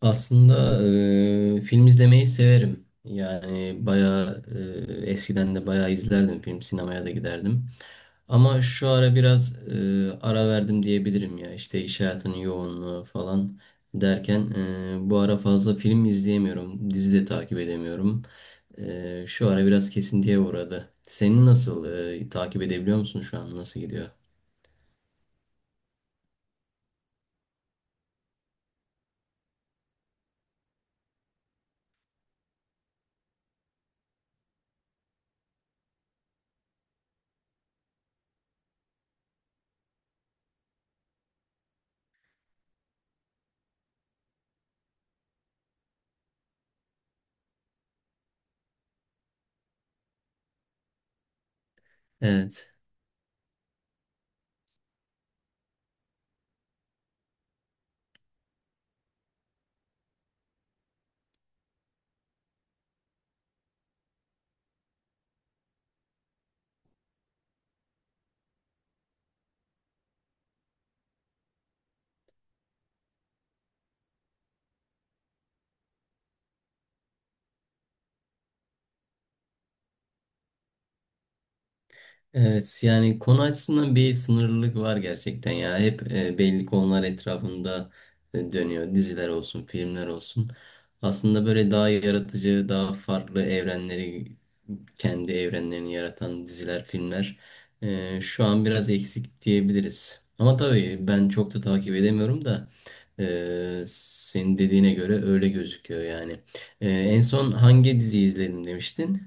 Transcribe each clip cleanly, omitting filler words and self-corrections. Aslında film izlemeyi severim. Yani bayağı eskiden de bayağı izlerdim film, sinemaya da giderdim. Ama şu ara biraz ara verdim diyebilirim ya. İşte iş hayatının yoğunluğu falan derken bu ara fazla film izleyemiyorum. Dizi de takip edemiyorum. Şu ara biraz kesintiye uğradı. Senin nasıl takip edebiliyor musun şu an? Nasıl gidiyor? Evet. Evet, yani konu açısından bir sınırlılık var gerçekten ya. Hep belli konular etrafında dönüyor. Diziler olsun, filmler olsun. Aslında böyle daha yaratıcı, daha farklı evrenleri, kendi evrenlerini yaratan diziler, filmler şu an biraz eksik diyebiliriz. Ama tabii ben çok da takip edemiyorum da senin dediğine göre öyle gözüküyor yani. En son hangi dizi izledin demiştin?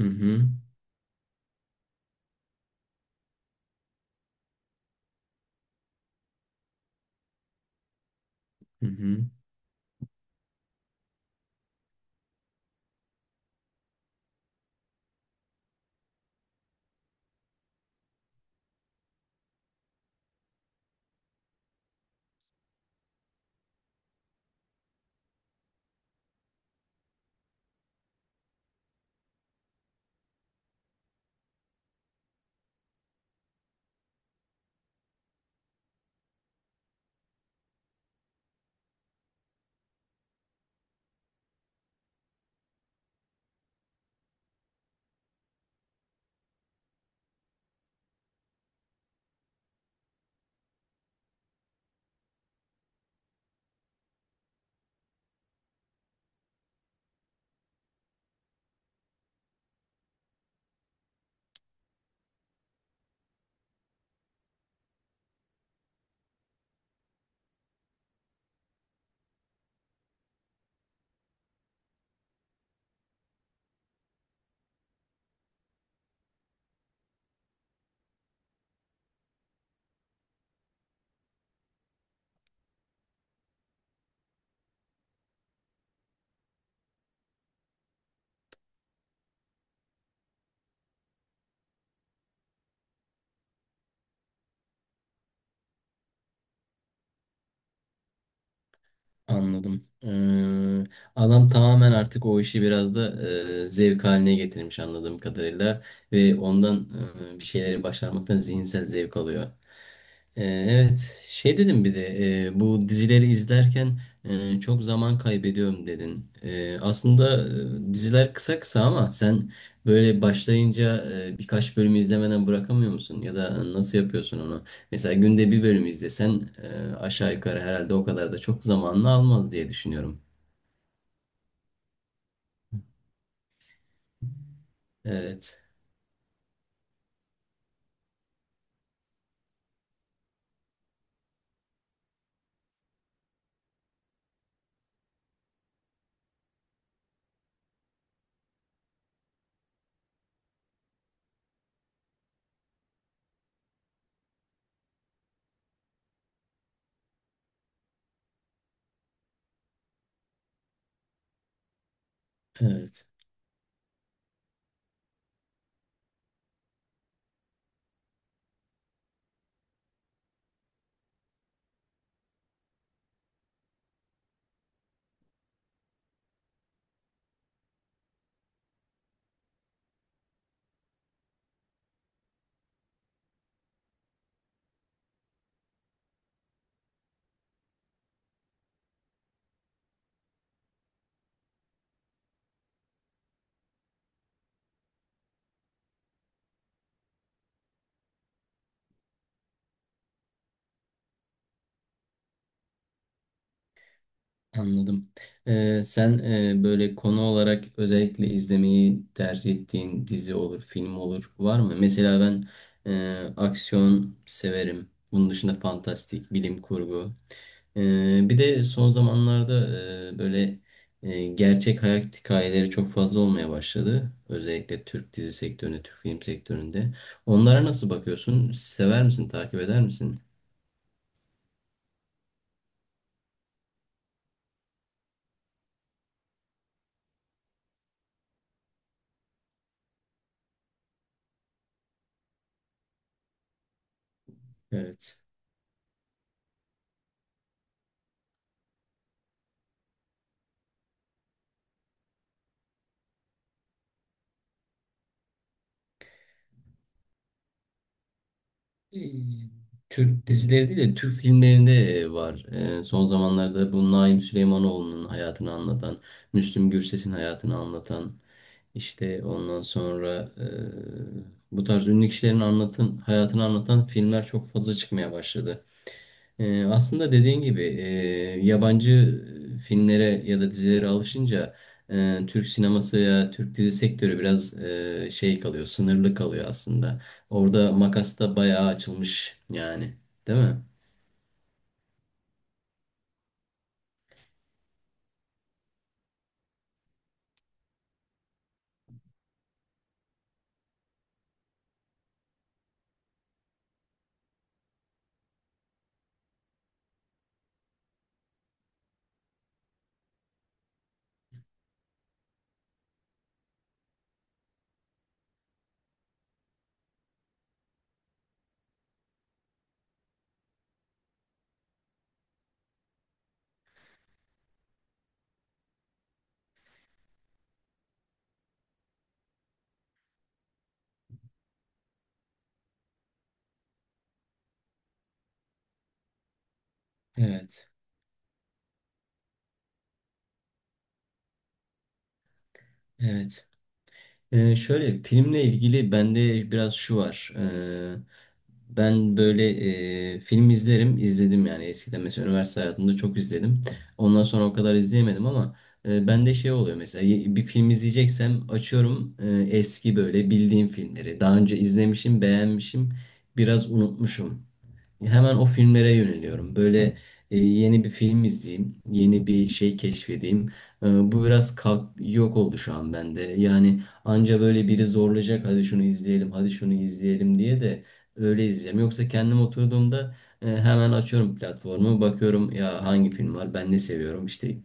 Hı hı. Hı hı. Anladım. Adam tamamen artık o işi biraz da zevk haline getirmiş anladığım kadarıyla ve ondan bir şeyleri başarmaktan zihinsel zevk alıyor. Evet, şey dedim bir de bu dizileri izlerken çok zaman kaybediyorum dedin. Aslında diziler kısa kısa ama sen böyle başlayınca birkaç bölümü izlemeden bırakamıyor musun? Ya da nasıl yapıyorsun onu? Mesela günde bir bölüm izlesen aşağı yukarı herhalde o kadar da çok zamanını almaz diye düşünüyorum. Evet, evet. Anladım. Sen böyle konu olarak özellikle izlemeyi tercih ettiğin dizi olur, film olur var mı? Mesela ben aksiyon severim. Bunun dışında fantastik, bilim kurgu. Bir de son zamanlarda böyle gerçek hayat hikayeleri çok fazla olmaya başladı. Özellikle Türk dizi sektöründe, Türk film sektöründe. Onlara nasıl bakıyorsun? Sever misin, takip eder misin? Evet. e, Türk dizileri değil de Türk filmlerinde var. Son zamanlarda bu Naim Süleymanoğlu'nun hayatını anlatan, Müslüm Gürses'in hayatını anlatan, işte ondan sonra bu tarz ünlü kişilerin anlatın, hayatını anlatan filmler çok fazla çıkmaya başladı. Aslında dediğin gibi yabancı filmlere ya da dizilere alışınca Türk sineması ya Türk dizi sektörü biraz şey kalıyor, sınırlı kalıyor aslında. Orada makas da bayağı açılmış yani, değil mi? Evet, evet. Şöyle filmle ilgili bende biraz şu var. Ben böyle film izlerim, izledim yani eskiden mesela üniversite hayatımda çok izledim. Ondan sonra o kadar izleyemedim ama bende şey oluyor mesela bir film izleyeceksem açıyorum eski böyle bildiğim filmleri. Daha önce izlemişim, beğenmişim, biraz unutmuşum. Hemen o filmlere yöneliyorum. Böyle yeni bir film izleyeyim, yeni bir şey keşfedeyim. Bu biraz kalk yok oldu şu an bende. Yani anca böyle biri zorlayacak, hadi şunu izleyelim, hadi şunu izleyelim diye de öyle izleyeceğim. Yoksa kendim oturduğumda hemen açıyorum platformu, bakıyorum ya hangi film var, ben ne seviyorum. İşte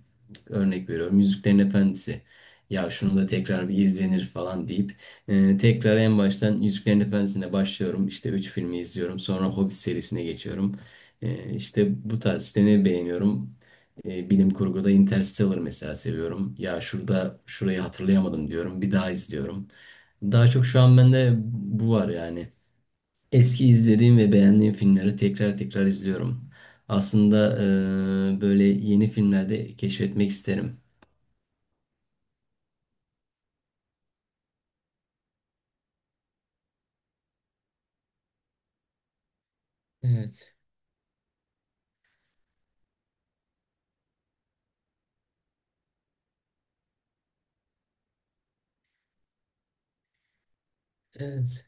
örnek veriyorum, Yüzüklerin Efendisi. Ya şunu da tekrar bir izlenir falan deyip tekrar en baştan Yüzüklerin Efendisi'ne başlıyorum. İşte 3 filmi izliyorum. Sonra Hobbit serisine geçiyorum. İşte bu tarz işte ne beğeniyorum? Bilim kurguda Interstellar mesela seviyorum. Ya şurada şurayı hatırlayamadım diyorum. Bir daha izliyorum. Daha çok şu an bende bu var yani. Eski izlediğim ve beğendiğim filmleri tekrar tekrar izliyorum. Aslında böyle yeni filmlerde keşfetmek isterim. Evet. Evet.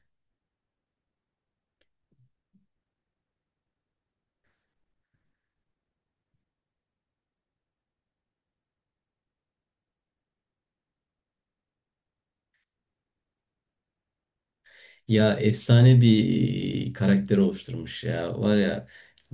Ya efsane bir karakter oluşturmuş ya. Var ya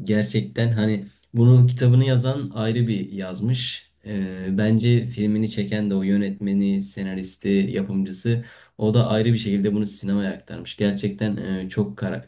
gerçekten hani bunun kitabını yazan ayrı bir yazmış. Bence filmini çeken de o yönetmeni, senaristi, yapımcısı o da ayrı bir şekilde bunu sinemaya aktarmış. Gerçekten çok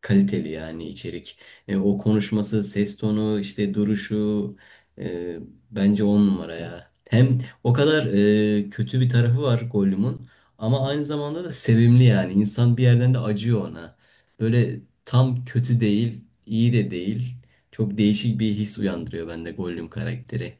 kaliteli yani içerik. O konuşması, ses tonu, işte duruşu e, bence on numara ya. Hem o kadar kötü bir tarafı var Gollum'un. Ama aynı zamanda da sevimli yani. İnsan bir yerden de acıyor ona. Böyle tam kötü değil, iyi de değil. Çok değişik bir his uyandırıyor bende Gollum karakteri.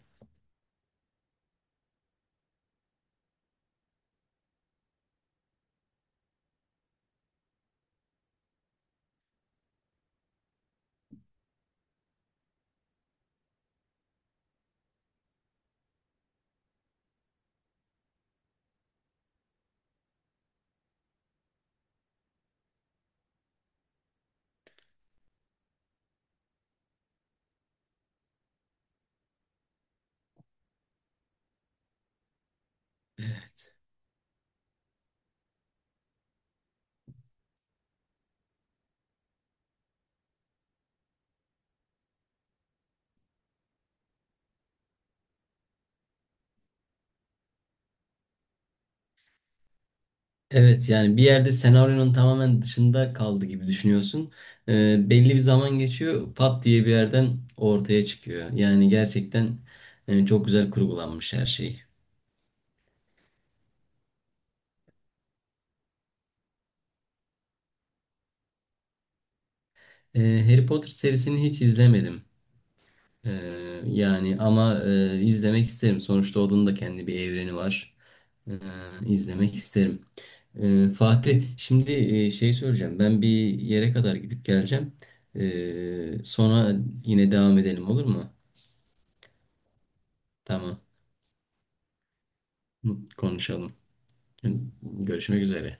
Evet, yani bir yerde senaryonun tamamen dışında kaldı gibi düşünüyorsun. Belli bir zaman geçiyor pat diye bir yerden ortaya çıkıyor. Yani gerçekten çok güzel kurgulanmış her şey. Harry Potter serisini hiç izlemedim. Yani ama izlemek isterim. Sonuçta onun da kendi bir evreni var. Ee, izlemek isterim. Fatih, şimdi şey söyleyeceğim. Ben bir yere kadar gidip geleceğim. Sonra yine devam edelim, olur mu? Tamam. Konuşalım. Görüşmek üzere.